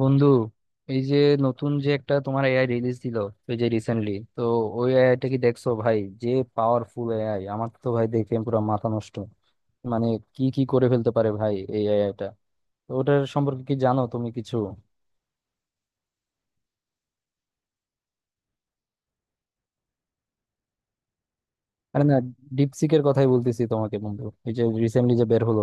বন্ধু, এই যে নতুন যে একটা তোমার এআই রিলিজ দিল, এই যে রিসেন্টলি তো ওই এআইটা কি দেখছো ভাই? যে পাওয়ারফুল এআই, আমার তো ভাই দেখে পুরো মাথা নষ্ট। মানে কি কি করে ফেলতে পারে ভাই এই এআইটা। তো ওটার সম্পর্কে কি জানো তুমি কিছু? আরে না, ডিপসিকের কথাই বলতেছি তোমাকে বন্ধু, এই যে রিসেন্টলি যে বের হলো।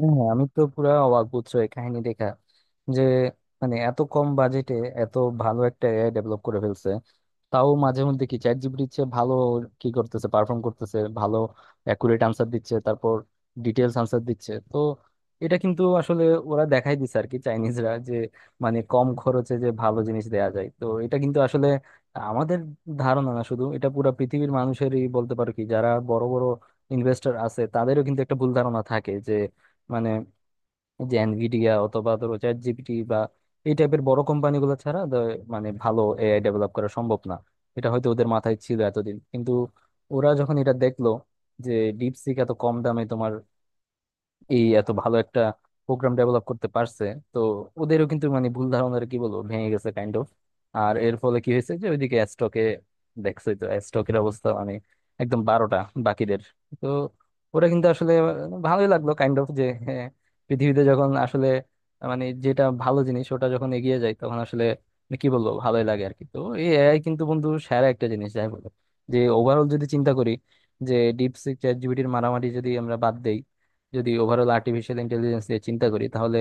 হ্যাঁ, আমি তো পুরা অবাক বুঝছো এই কাহিনী দেখা যে, মানে এত কম বাজেটে এত ভালো একটা এআই ডেভেলপ করে ফেলছে। তাও মাঝে মধ্যে কি চ্যাট জিপিটির চেয়ে ভালো কি করতেছে, পারফর্ম করতেছে ভালো, অ্যাকুরেট আনসার দিচ্ছে, তারপর ডিটেলস আনসার দিচ্ছে। তো এটা কিন্তু আসলে ওরা দেখাই দিছে আর কি চাইনিজরা যে মানে কম খরচে যে ভালো জিনিস দেয়া যায়। তো এটা কিন্তু আসলে আমাদের ধারণা না শুধু, এটা পুরা পৃথিবীর মানুষেরই বলতে পারো, কি যারা বড় বড় ইনভেস্টর আছে তাদেরও কিন্তু একটা ভুল ধারণা থাকে। মানে এই যে এনভিডিয়া অথবা ধরো চ্যাট জিপিটি বা এই টাইপের বড় কোম্পানিগুলো ছাড়া মানে ভালো এআই ডেভেলপ করা সম্ভব না, এটা হয়তো ওদের মাথায় ছিল এতদিন। কিন্তু ওরা যখন এটা দেখলো যে ডিপসিক এত কম দামে তোমার এই এত ভালো একটা প্রোগ্রাম ডেভেলপ করতে পারছে, তো ওদেরও কিন্তু মানে ভুল ধারণার কি বলবো ভেঙে গেছে কাইন্ড অফ। আর এর ফলে কি হয়েছে যে ওইদিকে স্টকে দেখছোই তো স্টকের অবস্থা, মানে একদম বারোটা বাকিদের। তো ওরা কিন্তু আসলে ভালোই লাগলো কাইন্ড অফ যে হ্যাঁ, পৃথিবীতে যখন আসলে মানে যেটা ভালো জিনিস ওটা যখন এগিয়ে যায় তখন আসলে কি বলবো ভালোই লাগে আর কি। তো এই এআই কিন্তু বন্ধু সেরা একটা জিনিস যাই বলো। যে ওভারঅল যদি চিন্তা করি, যে ডিপসিক চ্যাট জিপিটির মারামারি যদি আমরা বাদ দেই, যদি ওভারঅল আর্টিফিশিয়াল ইন্টেলিজেন্স নিয়ে চিন্তা করি, তাহলে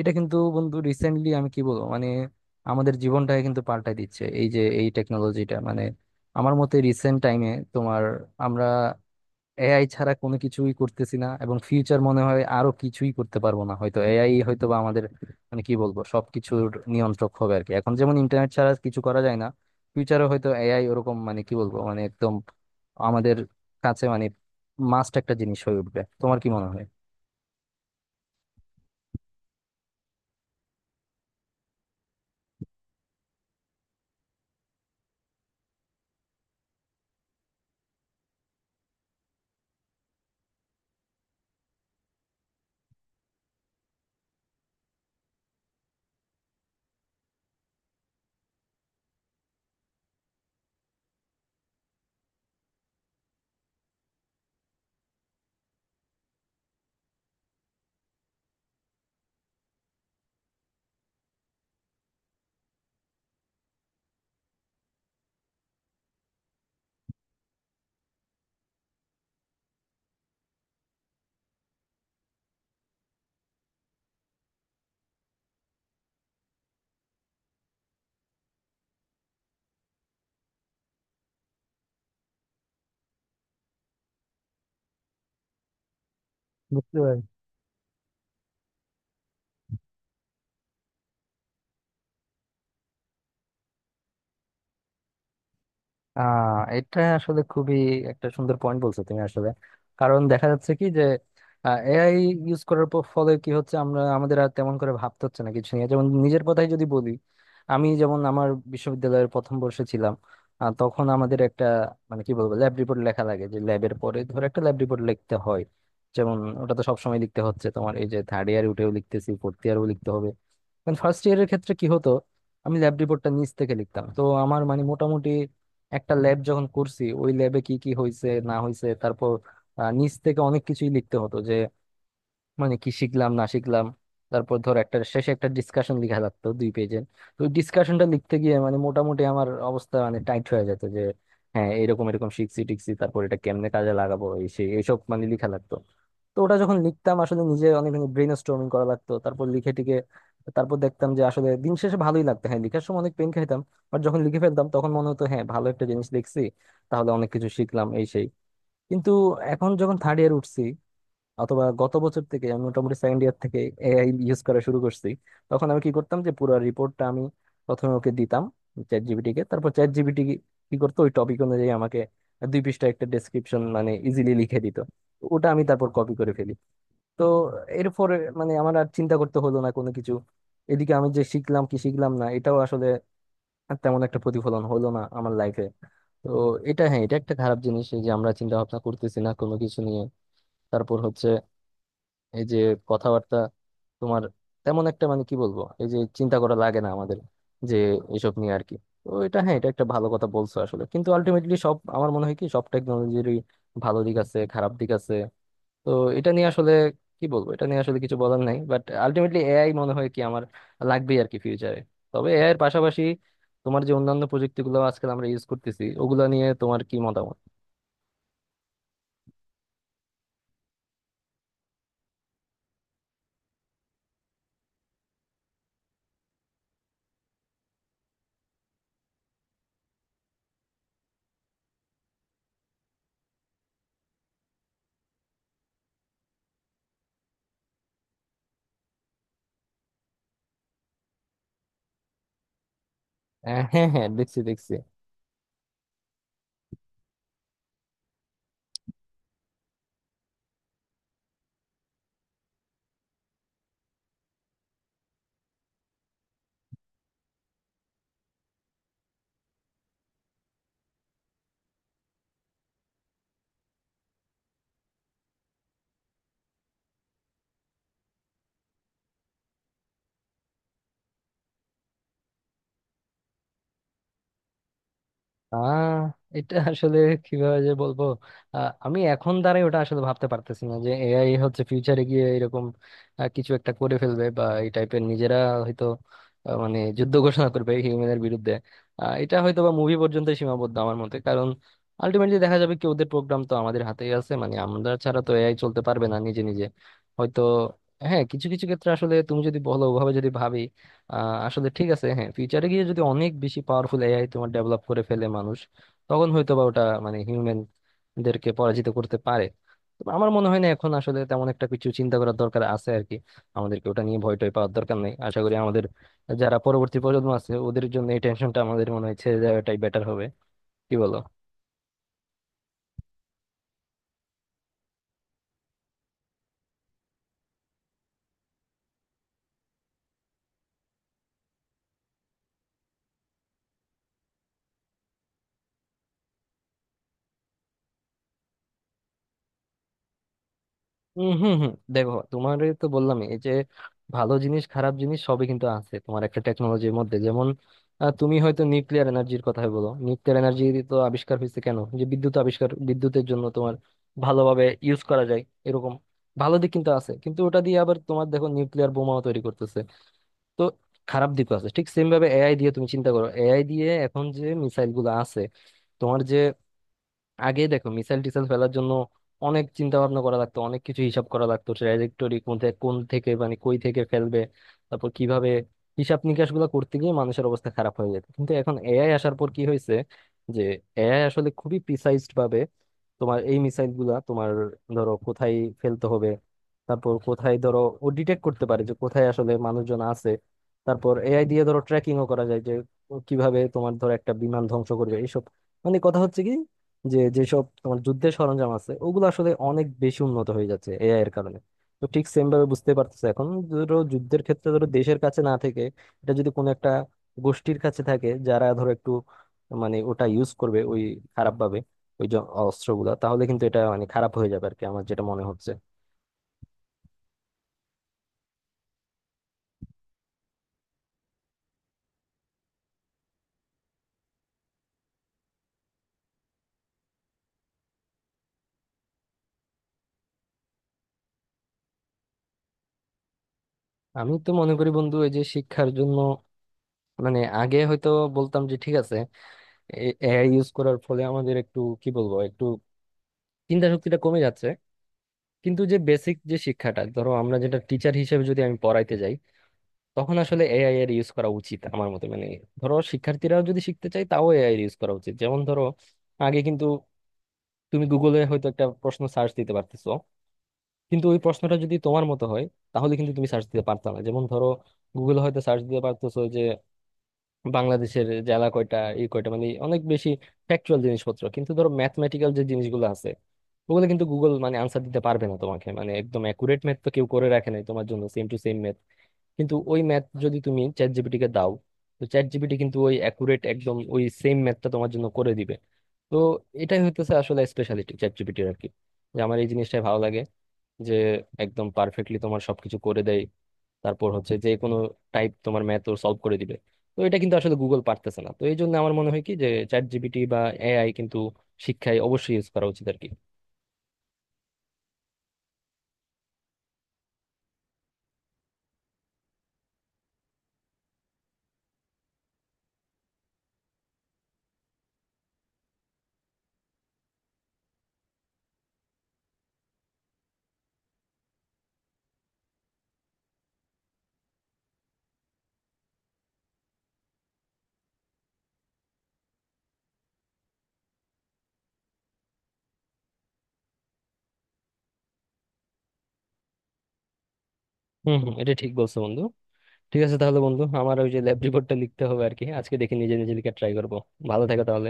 এটা কিন্তু বন্ধু রিসেন্টলি আমি কি বলবো মানে আমাদের জীবনটাকে কিন্তু পাল্টাই দিচ্ছে এই যে এই টেকনোলজিটা। মানে আমার মতে রিসেন্ট টাইমে তোমার আমরা এআই ছাড়া কোনো কিছুই করতেছি না, এবং ফিউচার মনে হয় আরো কিছুই করতে পারবো না। হয়তো এআই হয়তো বা আমাদের মানে কি বলবো সবকিছুর নিয়ন্ত্রক হবে আর কি। এখন যেমন ইন্টারনেট ছাড়া কিছু করা যায় না, ফিউচারে হয়তো এআই ওরকম মানে কি বলবো মানে একদম আমাদের কাছে মানে মাস্ট একটা জিনিস হয়ে উঠবে। তোমার কি মনে হয়? বুঝতে পারছি। এটা আসলে খুবই একটা সুন্দর পয়েন্ট বলছো তুমি আসলে। কারণ দেখা যাচ্ছে কি যে এআই ইউজ করার পর ফলে কি হচ্ছে, আমরা আমাদের আর তেমন করে ভাবতে হচ্ছে না কিছু নিয়ে। যেমন নিজের কথাই যদি বলি, আমি যেমন আমার বিশ্ববিদ্যালয়ের প্রথম বর্ষে ছিলাম। তখন আমাদের একটা মানে কি বলবো ল্যাব রিপোর্ট লেখা লাগে যে ল্যাবের পরে ধর একটা ল্যাব রিপোর্ট লিখতে হয়। যেমন ওটা তো সবসময় লিখতে হচ্ছে তোমার, এই যে থার্ড ইয়ার উঠেও লিখতেছি, ফোর্থ ইয়ারও লিখতে হবে। ফার্স্ট ইয়ারের ক্ষেত্রে কি হতো, আমি ল্যাব রিপোর্টটা নিচ থেকে লিখতাম তো আমার মানে মোটামুটি একটা ল্যাব যখন করছি ওই ল্যাবে কি কি হয়েছে না হয়েছে তারপর নিচ থেকে অনেক কিছুই লিখতে হতো যে মানে কি শিখলাম না শিখলাম। তারপর ধর একটা শেষে একটা ডিসকাশন লিখা লাগতো দুই পেজের। তো ওই ডিসকাশনটা লিখতে গিয়ে মানে মোটামুটি আমার অবস্থা মানে টাইট হয়ে যেত যে হ্যাঁ এরকম এরকম শিখছি টিখছি তারপর এটা কেমনে কাজে লাগাবো এই সেই এইসব মানে লিখা লাগতো। তো ওটা যখন লিখতাম আসলে নিজে অনেক ব্রেন স্টর্মিং করা লাগতো, তারপর লিখে টিকে তারপর দেখতাম যে আসলে দিন শেষে ভালোই লাগতো। হ্যাঁ লিখার সময় অনেক পেন খাইতাম, বাট যখন লিখে ফেলতাম তখন মনে হতো হ্যাঁ ভালো একটা জিনিস লিখছি, তাহলে অনেক কিছু শিখলাম এই সেই। কিন্তু এখন যখন থার্ড ইয়ার উঠছি, অথবা গত বছর থেকে আমি মোটামুটি সেকেন্ড ইয়ার থেকে এআই ইউজ করা শুরু করছি, তখন আমি কি করতাম যে পুরো রিপোর্টটা আমি প্রথমে ওকে দিতাম চ্যাট জিপিটি কে। তারপর চ্যাট জিপিটি কি করতো ওই টপিক অনুযায়ী আমাকে দুই পৃষ্ঠা একটা ডেসক্রিপশন মানে ইজিলি লিখে দিত। ওটা আমি তারপর কপি করে ফেলি। তো এরপর মানে আমার আর চিন্তা করতে হলো না কোনো কিছু। এদিকে আমি যে শিখলাম কি শিখলাম না এটাও আসলে তেমন একটা প্রতিফলন হলো না আমার লাইফে। তো এটা হ্যাঁ এটা একটা খারাপ জিনিস এই যে আমরা চিন্তা ভাবনা করতেছি না কোনো কিছু নিয়ে। তারপর হচ্ছে এই যে কথাবার্তা তোমার তেমন একটা মানে কি বলবো এই যে চিন্তা করা লাগে না আমাদের যে এসব নিয়ে আর কি। তো এটা হ্যাঁ এটা একটা ভালো কথা বলছো আসলে, কিন্তু আলটিমেটলি সব আমার মনে হয় কি সব টেকনোলজিরই ভালো দিক আছে খারাপ দিক আছে। তো এটা নিয়ে আসলে কি বলবো, এটা নিয়ে আসলে কিছু বলার নাই। বাট আলটিমেটলি এআই মনে হয় কি আমার লাগবেই আর কি ফিউচারে। তবে এআই এর পাশাপাশি তোমার যে অন্যান্য প্রযুক্তিগুলো আজকাল আমরা ইউজ করতেছি ওগুলো নিয়ে তোমার কি মতামত? হ্যাঁ হ্যাঁ, দেখছি দেখছি। আহ এটা আসলে কিভাবে যে বলবো। আমি এখন দাঁড়াই ওটা আসলে ভাবতে পারতেছি না যে এআই হচ্ছে ফিউচারে গিয়ে এরকম কিছু একটা করে ফেলবে বা এই টাইপের নিজেরা হয়তো মানে যুদ্ধ ঘোষণা করবে হিউম্যানের বিরুদ্ধে। এটা হয়তো বা মুভি পর্যন্ত সীমাবদ্ধ আমার মতে, কারণ আলটিমেটলি দেখা যাবে কি ওদের প্রোগ্রাম তো আমাদের হাতেই আছে, মানে আমরা ছাড়া তো এআই চলতে পারবে না নিজে নিজে। হয়তো হ্যাঁ কিছু কিছু ক্ষেত্রে আসলে তুমি যদি বলো ওভাবে যদি ভাবি আসলে ঠিক আছে হ্যাঁ ফিউচারে গিয়ে যদি অনেক বেশি পাওয়ারফুল এআই তোমার ডেভেলপ করে ফেলে মানুষ, তখন হয়তো বা ওটা মানে হিউম্যান দেরকে পরাজিত করতে পারে। তবে আমার মনে হয় না এখন আসলে তেমন একটা কিছু চিন্তা করার দরকার আছে আর কি। আমাদেরকে ওটা নিয়ে ভয় টয় পাওয়ার দরকার নেই, আশা করি। আমাদের যারা পরবর্তী প্রজন্ম আছে ওদের জন্য এই টেনশনটা আমাদের মনে হয় ছেড়ে দেওয়াটাই বেটার হবে, কি বলো? হুম হুম, দেখো তোমার তো বললাম এই যে ভালো জিনিস খারাপ জিনিস সবই কিন্তু আছে তোমার একটা টেকনোলজির মধ্যে। যেমন তুমি হয়তো নিউক্লিয়ার এনার্জির কথা বলো, নিউক্লিয়ার এনার্জি তো আবিষ্কার হয়েছে কেন যে বিদ্যুৎ আবিষ্কার, বিদ্যুতের জন্য তোমার ভালোভাবে ইউজ করা যায় এরকম ভালো দিক কিন্তু আছে। কিন্তু ওটা দিয়ে আবার তোমার দেখো নিউক্লিয়ার বোমাও তৈরি করতেছে, তো খারাপ দিকও আছে। ঠিক সেম ভাবে এআই দিয়ে তুমি চিন্তা করো, এআই দিয়ে এখন যে মিসাইল গুলো আছে তোমার, যে আগে দেখো মিসাইল টিসাইল ফেলার জন্য অনেক চিন্তা ভাবনা করা লাগতো, অনেক কিছু হিসাব করা লাগতো ট্র্যাজেক্টরি মধ্যে কোন থেকে মানে কই থেকে ফেলবে, তারপর কিভাবে হিসাব নিকাশ গুলো করতে গিয়ে মানুষের অবস্থা খারাপ হয়ে যেত। কিন্তু এখন এআই আসার পর কি হয়েছে যে এআই আসলে খুবই প্রিসাইজ ভাবে তোমার এই মিসাইল গুলা তোমার ধরো কোথায় ফেলতে হবে, তারপর কোথায় ধরো ও ডিটেক্ট করতে পারে যে কোথায় আসলে মানুষজন আছে। তারপর এআই দিয়ে ধরো ট্র্যাকিংও করা যায় যে ও কিভাবে তোমার ধরো একটা বিমান ধ্বংস করবে এইসব। মানে কথা হচ্ছে কি যে যেসব তোমার যুদ্ধের সরঞ্জাম আছে ওগুলো আসলে অনেক বেশি উন্নত হয়ে যাচ্ছে এআই এর কারণে। তো ঠিক সেম ভাবে বুঝতে পারতেছে এখন ধরো যুদ্ধের ক্ষেত্রে ধরো দেশের কাছে না থেকে এটা যদি কোনো একটা গোষ্ঠীর কাছে থাকে যারা ধরো একটু মানে ওটা ইউজ করবে ওই খারাপ ভাবে ওই যে অস্ত্রগুলা, তাহলে কিন্তু এটা মানে খারাপ হয়ে যাবে আর কি, আমার যেটা মনে হচ্ছে। আমি তো মনে করি বন্ধু এই যে শিক্ষার জন্য মানে আগে হয়তো বলতাম যে ঠিক আছে এআই ইউজ করার ফলে আমাদের একটু কি বলবো একটু চিন্তা শক্তিটা কমে যাচ্ছে। কিন্তু যে বেসিক যে শিক্ষাটা ধরো আমরা যেটা টিচার হিসেবে যদি আমি পড়াইতে যাই, তখন আসলে এআই এর ইউজ করা উচিত আমার মতে। মানে ধরো শিক্ষার্থীরাও যদি শিখতে চায় তাও এআই এর ইউজ করা উচিত। যেমন ধরো আগে কিন্তু তুমি গুগলে হয়তো একটা প্রশ্ন সার্চ দিতে পারতেছো, কিন্তু ওই প্রশ্নটা যদি তোমার মতো হয় তাহলে কিন্তু তুমি সার্চ দিতে পারতো না। যেমন ধরো গুগলে হয়তো সার্চ দিতে পারতেছো যে বাংলাদেশের জেলা কয়টা ই কয়টা মানে অনেক বেশি ফ্যাকচুয়াল জিনিসপত্র। কিন্তু ধরো ম্যাথমেটিক্যাল যে জিনিসগুলো আছে ওগুলো কিন্তু গুগল মানে আনসার দিতে পারবে না তোমাকে। মানে একদম অ্যাকুরেট ম্যাথ তো কেউ করে রাখে নাই তোমার জন্য সেম টু সেম ম্যাথ। কিন্তু ওই ম্যাথ যদি তুমি চ্যাট জিপিটি কে দাও, তো চ্যাট জিপিটি কিন্তু ওই অ্যাকুরেট একদম ওই সেম ম্যাথটা তোমার জন্য করে দিবে। তো এটাই হইতেছে আসলে স্পেশালিটি চ্যাট জিপিটির আর কি। যে আমার এই জিনিসটাই ভালো লাগে যে একদম পারফেক্টলি তোমার সবকিছু করে দেয়। তারপর হচ্ছে যে কোনো টাইপ তোমার ম্যাথ ও সলভ করে দিবে। তো এটা কিন্তু আসলে গুগল পারতেছে না। তো এই জন্য আমার মনে হয় কি যে চ্যাট জিপিটি বা এআই কিন্তু শিক্ষায় অবশ্যই ইউজ করা উচিত আর কি। হম হম, এটা ঠিক বলছো বন্ধু। ঠিক আছে তাহলে বন্ধু, আমার ওই যে ল্যাব রিপোর্টটা লিখতে হবে আর কি, আজকে দেখি নিজে নিজে লিখে ট্রাই করবো। ভালো থাকো তাহলে।